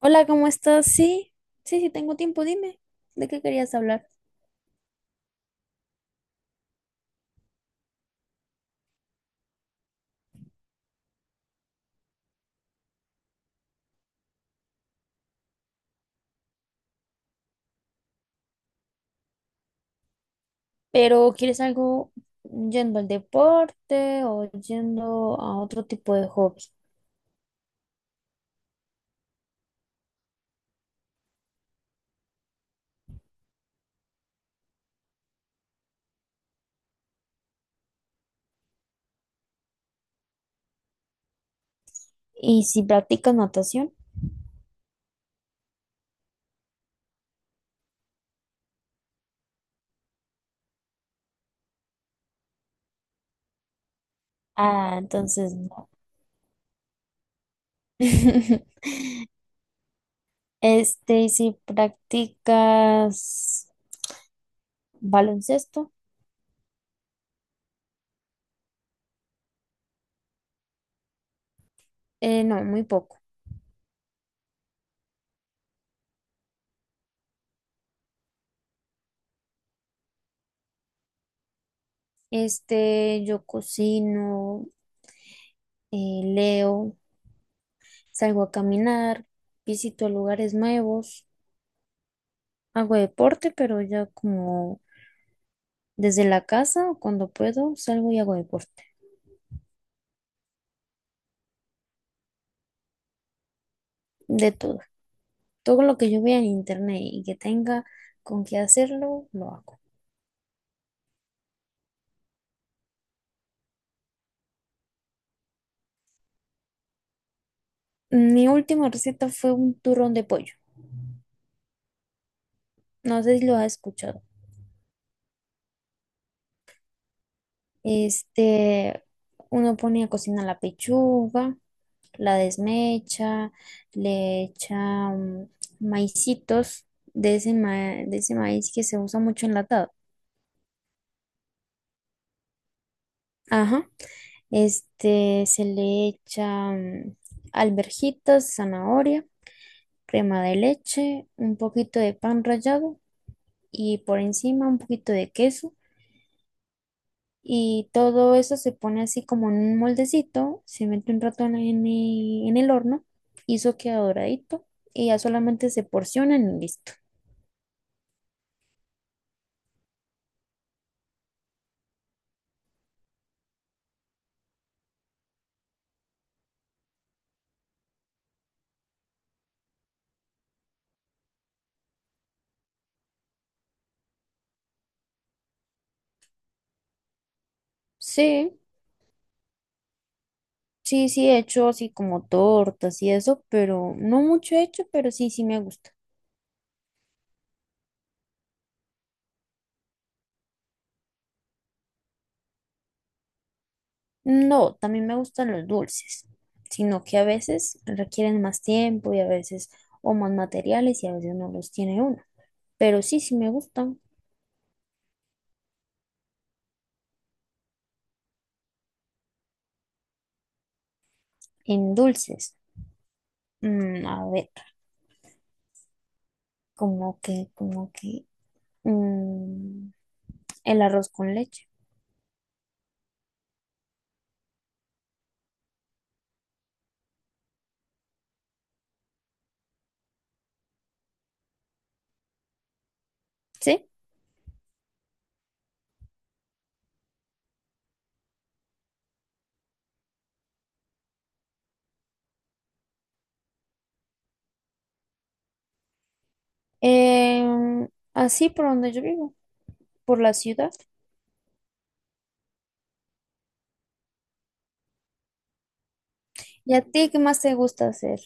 Hola, ¿cómo estás? Sí, sí, sí, tengo tiempo, dime, ¿de qué querías hablar? Pero ¿quieres algo yendo al deporte o yendo a otro tipo de hobby? ¿Y si practicas natación? Ah, entonces no. ¿Y si practicas baloncesto? No, muy poco. Yo cocino, leo, salgo a caminar, visito lugares nuevos, hago deporte, pero ya como. Desde la casa, cuando puedo, salgo y hago deporte. De todo. Todo lo que yo vea en internet y que tenga con qué hacerlo, lo hago. Mi última receta fue un turrón de pollo. No sé si lo has escuchado. Este, Uno pone a cocinar la pechuga, la desmecha, le echa mm, maicitos de ese, de ese maíz que se usa mucho enlatado. Ajá. Este, se le echa alverjitas, zanahoria, crema de leche, un poquito de pan rallado y por encima un poquito de queso. Y todo eso se pone así como en un moldecito, se mete un rato en el horno y eso queda doradito y ya solamente se porcionan y listo. Sí, sí, sí he hecho así como tortas y eso, pero no mucho he hecho, pero sí, sí me gusta. No, también me gustan los dulces, sino que a veces requieren más tiempo y a veces o más materiales y a veces no los tiene uno. Pero sí, sí me gustan en dulces. Mm, a ver, como que, como que, mm, el arroz con leche, ¿sí? Así por donde yo vivo, por la ciudad. ¿Y a ti qué más te gusta hacer?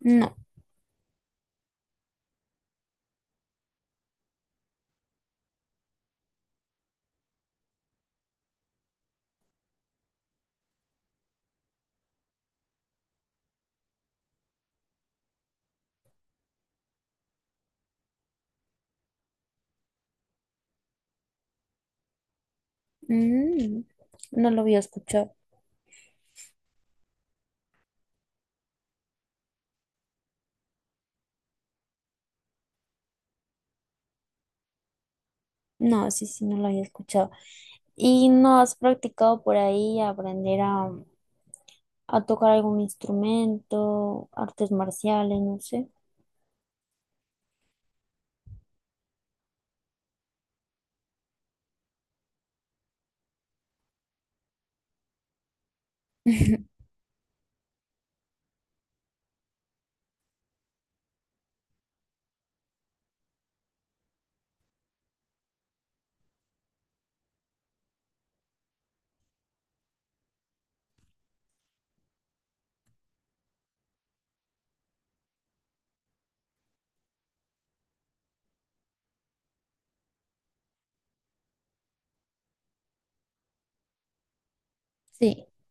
No, mm, no lo había escuchado. No, sí, sí, no lo había escuchado. ¿Y no has practicado por ahí aprender a tocar algún instrumento, artes marciales, no sé? Sí, o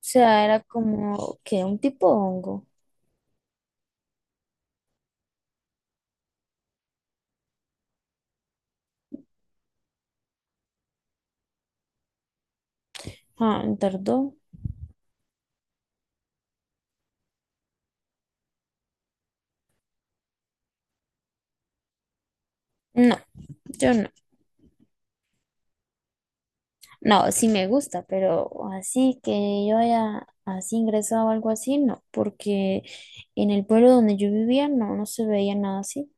sea, era como que un tipo hongo. Ah, tardó. No, yo no. No, sí me gusta, pero así que yo haya así ingresado o algo así, no, porque en el pueblo donde yo vivía no, no se veía nada así.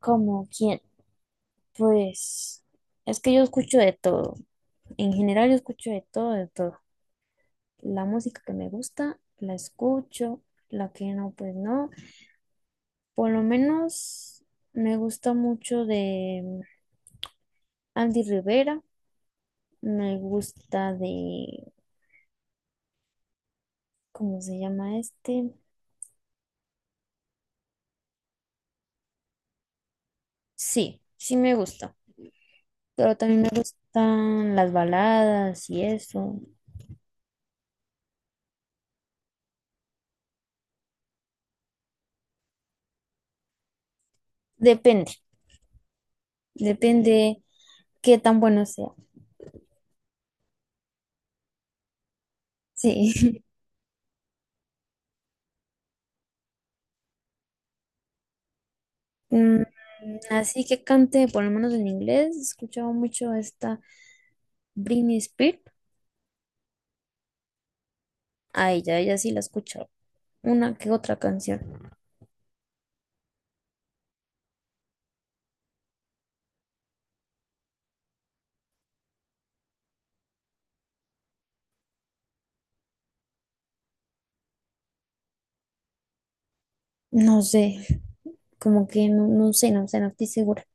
¿Como quién? Pues es que yo escucho de todo. En general yo escucho de todo, de todo. La música que me gusta, la escucho, la que no, pues no. Por lo menos me gusta mucho de Andy Rivera, me gusta de, ¿cómo se llama este? Sí, sí me gusta, pero también me gustan las baladas y eso. Depende, depende qué tan bueno sea. Sí. Mm, Así que cante, por lo menos en inglés, escuchaba mucho a esta Britney Spears. A ella, ella sí la he escuchado. Una que otra canción. No sé, como que no, no sé, no sé, no estoy segura.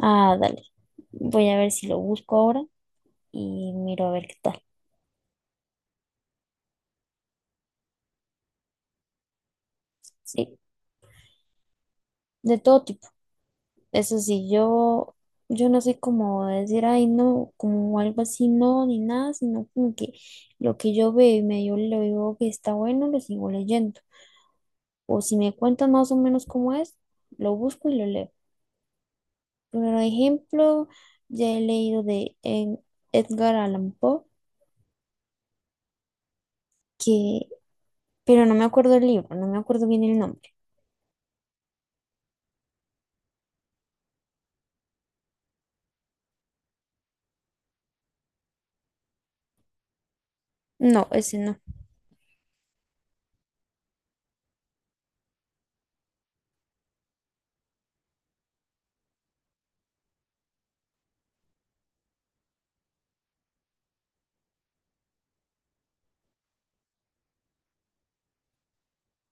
Ah, dale. Voy a ver si lo busco ahora y miro a ver qué tal. Sí, de todo tipo. Eso sí, yo no soy como de decir, ay, no, como algo así, no, ni nada, sino como que lo que yo veo y medio le digo que está bueno, lo sigo leyendo. O si me cuentan más o menos cómo es, lo busco y lo leo. Por ejemplo, ya he leído de Edgar Allan Poe, que, pero no me acuerdo el libro, no me acuerdo bien el nombre. No, ese no.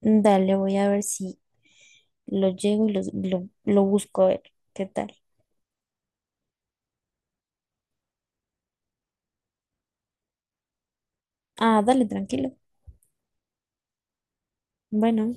Dale, voy a ver si lo llego y lo busco a ver qué tal. Ah, dale, tranquilo. Bueno.